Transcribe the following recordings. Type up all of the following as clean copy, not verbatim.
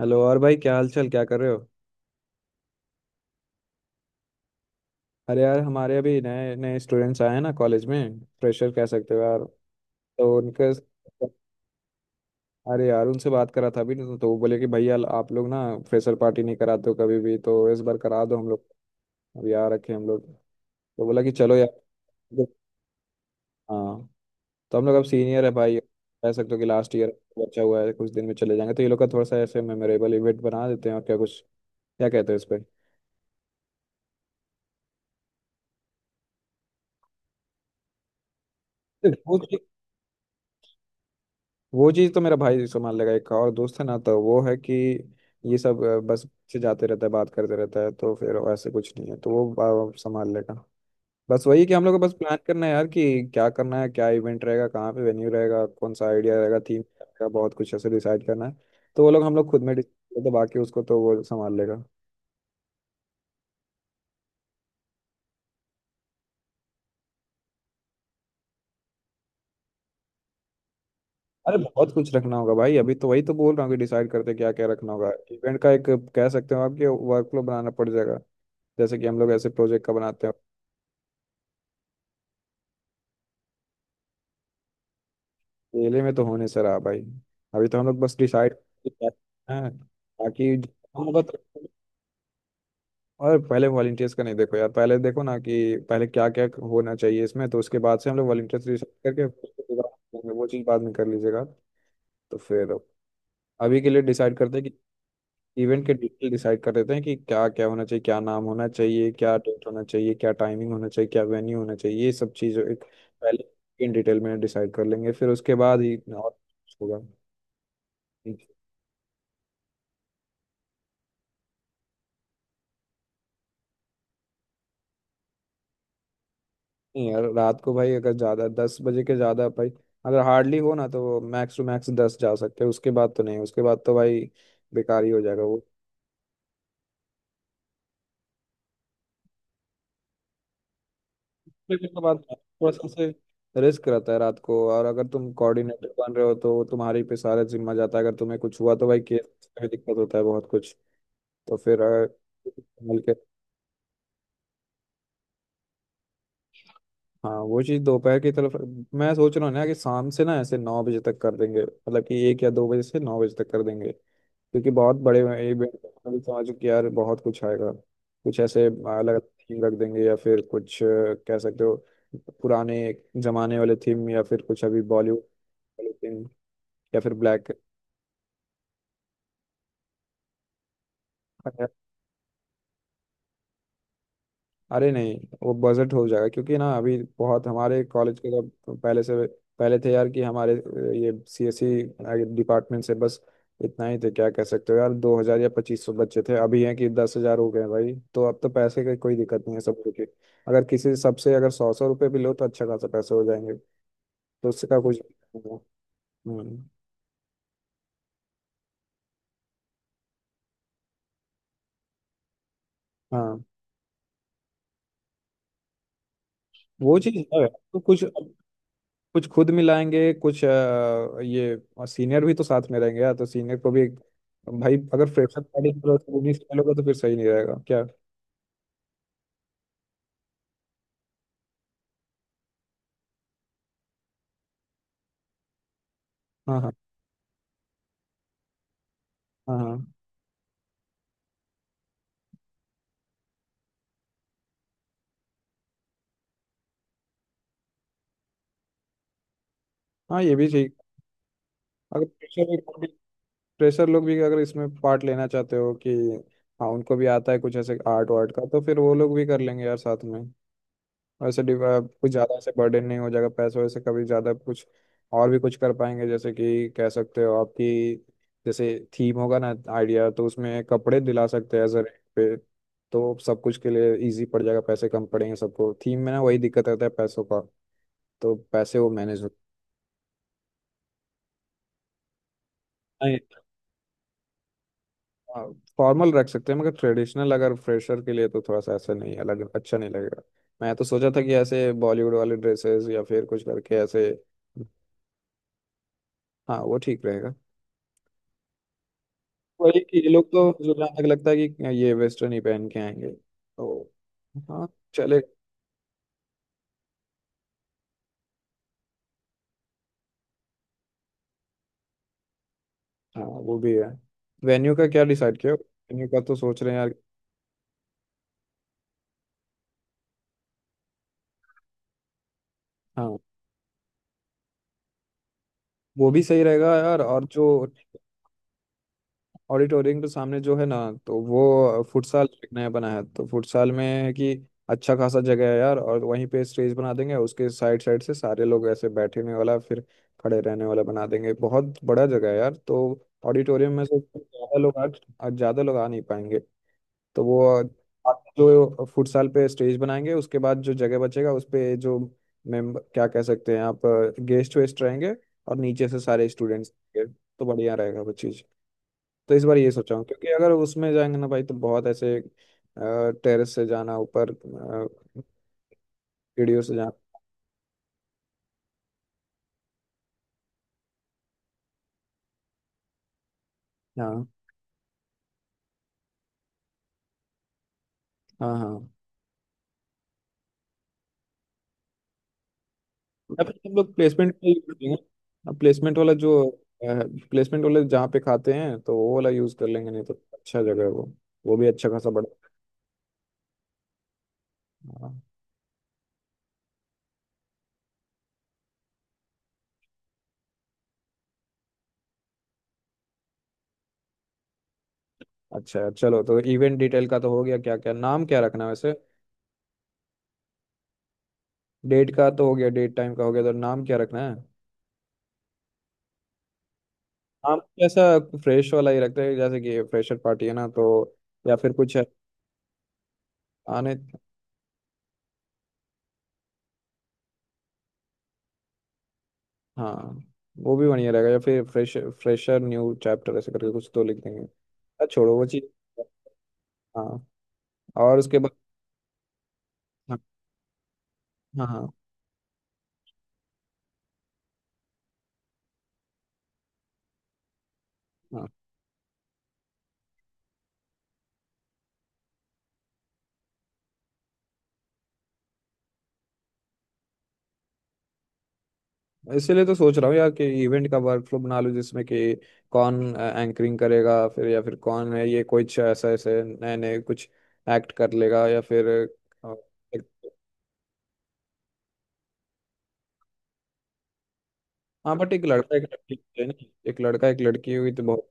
Hello और भाई, क्या हाल चाल, क्या कर रहे हो। अरे यार, हमारे अभी नए नए स्टूडेंट्स आए हैं ना कॉलेज में, फ्रेशर कह सकते हो यार। तो उनके अरे यार उनसे बात करा था, अभी तो वो बोले कि भैया आप लोग ना फ्रेशर पार्टी नहीं कराते हो कभी भी, तो इस बार करा दो हम लोग। अब यार रखे हम लोग। तो बोला कि चलो यार। तो हाँ। तो हम लोग अब सीनियर है भाई, कह सकते हो कि लास्ट ईयर बचा हुआ है, कुछ दिन में चले जाएंगे, तो ये लोग का थोड़ा सा ऐसे मेमोरेबल इवेंट बना देते हैं और क्या कुछ। क्या कहते हो इस पर। वो चीज़ तो मेरा भाई संभाल लेगा, एक और दोस्त है ना, तो वो है कि ये सब बस से जाते रहता है, बात करते रहता है, तो फिर ऐसे कुछ नहीं है, तो वो संभाल लेगा। बस वही कि हम लोग को बस प्लान करना है यार कि क्या करना है, क्या इवेंट रहेगा, कहाँ पे वेन्यू रहेगा, कौन सा आइडिया रहेगा, थीम रहेगा, बहुत कुछ ऐसे डिसाइड करना है। तो वो लोग हम लोग खुद में डिसाइड, तो बाकी उसको तो वो संभाल लेगा। अरे बहुत कुछ रखना होगा भाई, अभी तो वही तो बोल रहा हूँ कि डिसाइड करते क्या क्या रखना होगा इवेंट का, एक कह सकते हो आपके वर्क फ्लो बनाना पड़ जाएगा, जैसे कि हम लोग ऐसे प्रोजेक्ट का बनाते हैं। केले में तो होने से रहा भाई। अभी तो हम लोग बस डिसाइड हैं। हाँ, ताकि हम बत- और पहले वॉलंटियर्स का नहीं, देखो यार पहले देखो ना कि पहले क्या क्या होना चाहिए इसमें, तो उसके बाद से हम लोग वॉलंटियर्स डिसाइड करके फिर उसके बाद करेंगे। वो चीज़ बाद में कर लीजिएगा। तो फिर अभी के लिए डिसाइड करते हैं कि इवेंट के डिटेल डिसाइड कर देते हैं कि क्या क्या होना चाहिए, क्या नाम होना चाहिए, क्या डेट होना चाहिए, क्या टाइमिंग होना चाहिए, क्या वेन्यू होना चाहिए, ये सब चीज़ एक पहले इन डिटेल में डिसाइड कर लेंगे, फिर उसके बाद ही और कुछ होगा। नहीं यार, रात को भाई अगर ज्यादा 10 बजे के ज्यादा भाई, अगर हार्डली हो ना तो मैक्स टू मैक्स दस जा सकते हैं, उसके बाद तो नहीं, उसके बाद तो भाई बेकार ही हो जाएगा वो। उसके बाद थोड़ा सा से रिस्क रहता है रात को, और अगर तुम कोऑर्डिनेटर बन रहे हो तो वो तुम्हारी पे सारा जिम्मा जाता है, अगर तुम्हें कुछ हुआ तो भाई केस में दिक्कत होता है बहुत कुछ। तो फिर संभल के। हाँ वो चीज़ दोपहर की तरफ। मैं सोच रहा हूँ ना कि शाम से ना ऐसे 9 बजे तक कर देंगे, मतलब कि 1 या 2 बजे से 9 बजे तक कर देंगे, क्योंकि बहुत बड़े इवेंट। अभी समझो कि यार बहुत कुछ आएगा, कुछ ऐसे अलग थीम रख देंगे या फिर कुछ कह सकते हो पुराने जमाने वाले थीम, या फिर कुछ अभी बॉलीवुड वाले थीम, या फिर ब्लैक। अरे नहीं, वो बजट हो जाएगा, क्योंकि ना अभी बहुत हमारे कॉलेज के जब पहले से पहले थे यार, कि हमारे ये सीएससी डिपार्टमेंट से बस इतना ही थे, क्या कह सकते हो यार, 2,000 या 2,500 बच्चे थे, अभी हैं कि 10,000 हो गए हैं भाई, तो अब तो पैसे का कोई दिक्कत नहीं है सबको के। अगर किसी सबसे अगर सौ सौ रुपये भी लो तो अच्छा खासा पैसे हो जाएंगे, तो उसका कुछ। हम्म, हाँ वो चीज़ है तो कुछ कुछ खुद मिलाएंगे, कुछ ये सीनियर भी तो साथ में रहेंगे यार, तो सीनियर को भी भाई अगर फ्रेशर पार्टी करो तो उन्हीं से मिलोगे तो फिर सही नहीं रहेगा क्या। हाँ, हाँ, हाँ, हाँ, हाँ, ये भी ठीक। अगर फ्रेशर फ्रेशर लोग भी अगर इसमें पार्ट लेना चाहते हो कि हाँ, उनको भी आता है कुछ ऐसे आर्ट वार्ट का, तो फिर वो लोग भी कर लेंगे यार साथ में। वैसे कुछ ज़्यादा ऐसे बर्डन नहीं हो जाएगा पैसों से कभी ज़्यादा कुछ, और भी कुछ कर पाएंगे, जैसे कि कह सकते हो आपकी जैसे थीम होगा ना आइडिया, तो उसमें कपड़े दिला सकते हैं एज रेंट पे। तो सब कुछ के लिए इजी पड़ जाएगा, पैसे कम पड़ेंगे सबको, थीम में ना वही दिक्कत रहता है पैसों का, तो पैसे वो मैनेज हो। नहीं, फॉर्मल रख सकते हैं, मगर ट्रेडिशनल अगर फ्रेशर के लिए तो थोड़ा सा ऐसा नहीं, अलग, अच्छा नहीं लगेगा। मैं तो सोचा था कि ऐसे बॉलीवुड वाले ड्रेसेस या फिर कुछ करके ऐसे। हाँ वो ठीक रहेगा। वही कि ये लोग तो जुलान लगता है कि ये वेस्टर्न ही पहन के आएंगे तो हाँ चले। हाँ वो भी है। वेन्यू का क्या डिसाइड किया, वेन्यू का तो सोच रहे हैं यार। हाँ वो भी सही रहेगा यार, और जो ऑडिटोरियम के सामने जो है ना, तो वो फुटसाल एक नया बना है, तो फुटसाल में है कि अच्छा खासा जगह है यार, और वहीं पे स्टेज बना देंगे, उसके साइड साइड से सारे लोग ऐसे बैठने वाला, फिर खड़े रहने वाला बना देंगे, बहुत बड़ा जगह है यार, तो ऑडिटोरियम में से ज्यादा लोग आ नहीं पाएंगे। तो वो आप जो फुटसाल पे स्टेज बनाएंगे, उसके बाद जो जगह बचेगा उस पे जो मेंबर क्या कह सकते हैं आप, गेस्ट वेस्ट रहेंगे, और नीचे से सारे स्टूडेंट्स, तो बढ़िया रहेगा वो चीज़। तो इस बार ये सोचा हूँ क्योंकि अगर उसमें जाएंगे ना भाई तो बहुत ऐसे टेरेस से जाना ऊपर, सीढ़ियों से जाना। हाँ, हाँ, हाँ, या फिर हम लोग प्लेसमेंट का यूज करेंगे। अब प्लेसमेंट वाला जो प्लेसमेंट वाले जहाँ पे खाते हैं तो वो वाला यूज़ कर लेंगे, नहीं तो अच्छा जगह है वो भी अच्छा खासा बड़ा। हाँ। अच्छा चलो, तो इवेंट डिटेल का तो हो गया, क्या क्या नाम क्या रखना है वैसे, डेट का तो हो गया, डेट टाइम का हो गया, तो नाम क्या रखना है। नाम कैसा, फ्रेश वाला ही रखते हैं जैसे कि फ्रेशर पार्टी है ना, तो या फिर कुछ आने। हाँ वो भी बढ़िया रहेगा, या फिर फ्रेश, फ्रेशर न्यू चैप्टर ऐसे करके कुछ तो लिख देंगे। छोड़ो वो चीज़। हाँ और उसके बाद। हाँ, हाँ, हाँ, हाँ। इसीलिए तो सोच रहा हूँ यार कि इवेंट का वर्कफ्लो बना लूँ जिसमें कि कौन एंकरिंग करेगा फिर, या फिर कौन है, ये कुछ ऐसा ऐसे नए नए कुछ एक्ट कर लेगा या फिर अ, एक- हाँ बट एक लड़का एक लड़की चाहिए ना, एक लड़का एक लड़की हुई तो बहुत।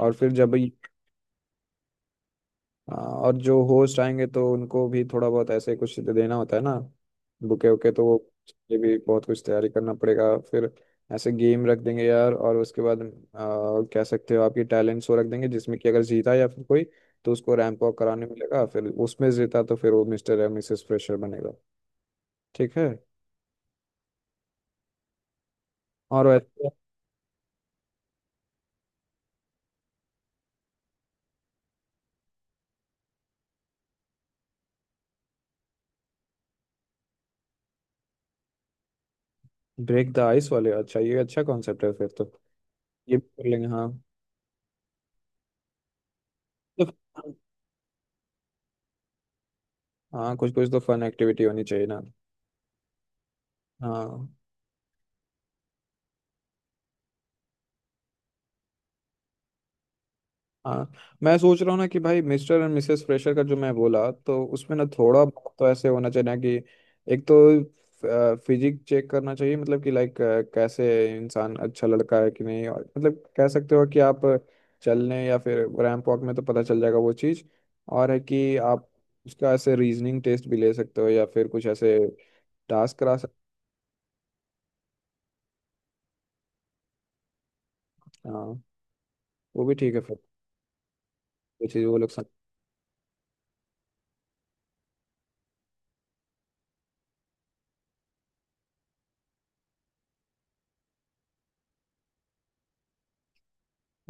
और फिर जब हाँ, और जो होस्ट आएंगे तो उनको भी थोड़ा बहुत ऐसे कुछ देना होता है ना, बुके वुके तो वो ये भी बहुत कुछ तैयारी करना पड़ेगा फिर, ऐसे गेम रख देंगे यार, और उसके बाद कह सकते हो आपकी टैलेंट शो रख देंगे जिसमें कि अगर जीता या फिर कोई, तो उसको रैंप वॉक कराने मिलेगा, फिर उसमें जीता तो फिर वो मिस्टर या मिसेस फ्रेशर बनेगा। ठीक है। और वैसे ब्रेक द आइस वाले, अच्छा ये अच्छा कॉन्सेप्ट है, फिर तो ये भी कर लेंगे हाँ। तो हाँ कुछ कुछ तो फन एक्टिविटी होनी चाहिए ना। हाँ हाँ, मैं सोच रहा हूँ ना कि भाई मिस्टर एंड मिसेस फ्रेशर का जो मैं बोला, तो उसमें ना थोड़ा बहुत तो ऐसे होना चाहिए ना कि एक तो फिजिक चेक करना चाहिए, मतलब कि लाइक कैसे इंसान, अच्छा लड़का है कि नहीं, और मतलब कह सकते हो कि आप चलने या फिर रैंप वॉक में तो पता चल जाएगा वो चीज़। और है कि आप उसका ऐसे रीजनिंग टेस्ट भी ले सकते हो, या फिर कुछ ऐसे टास्क करा सकते। हाँ वो भी ठीक है फिर। वो चीज़ वो लोग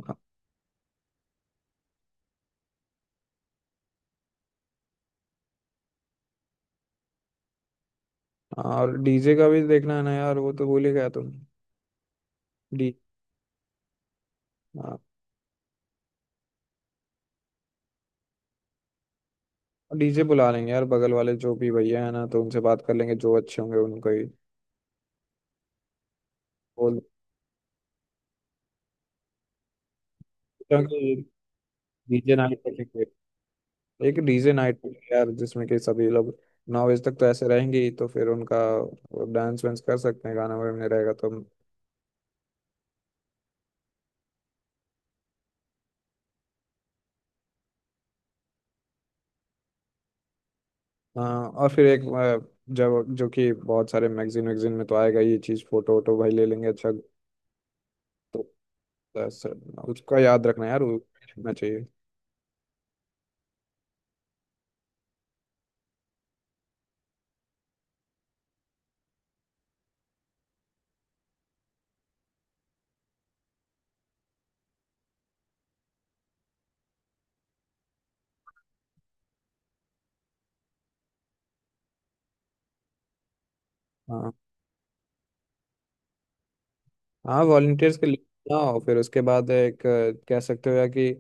हाँ, और डीजे का भी देखना है ना यार, वो तो भूल ही गया तुम। डी हाँ। डीजे बुला लेंगे यार बगल वाले जो भी भैया है ना, तो उनसे बात कर लेंगे जो अच्छे होंगे उनको ही बोल देंगे। डीजे नाइट रखेंगे, एक डीजे नाइट यार जिसमें कि सभी लोग 9 बजे तक तो ऐसे रहेंगे ही, तो फिर उनका डांस वांस कर सकते हैं, गाना वाना रहेगा तो हाँ। और फिर एक जब जो कि बहुत सारे मैगजीन वैगजीन में तो आएगा ये चीज़, फोटो वोटो भाई ले लेंगे अच्छा। तो बस, उसका याद रखना यार वो रखना चाहिए। हाँ हाँ। वॉलंटियर्स की लिस्ट बनाओ, फिर उसके बाद एक कह सकते हो या कि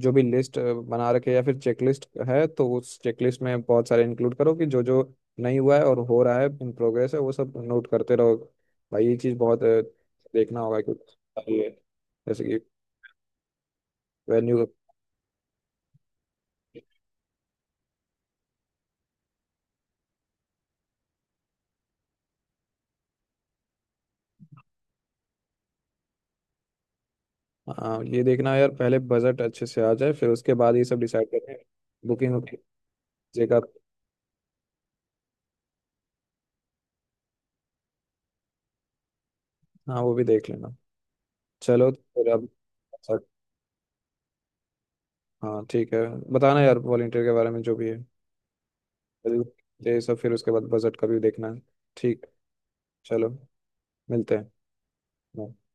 जो भी लिस्ट बना रखे या फिर चेकलिस्ट है, तो उस चेकलिस्ट में बहुत सारे इंक्लूड करो कि जो जो नहीं हुआ है और हो रहा है इन प्रोग्रेस है, वो सब नोट करते रहो भाई। ये चीज़ बहुत देखना होगा कि ये, जैसे कि वेन्यू। हाँ ये देखना है यार, पहले बजट अच्छे से आ जाए, फिर उसके बाद ये सब डिसाइड करें, बुकिंग, जगह। हाँ वो भी देख लेना। चलो तो फिर अब। हाँ ठीक है। बताना यार वॉलंटियर के बारे में जो भी है ये सब, फिर उसके बाद बजट का भी देखना है। ठीक। चलो, मिलते हैं।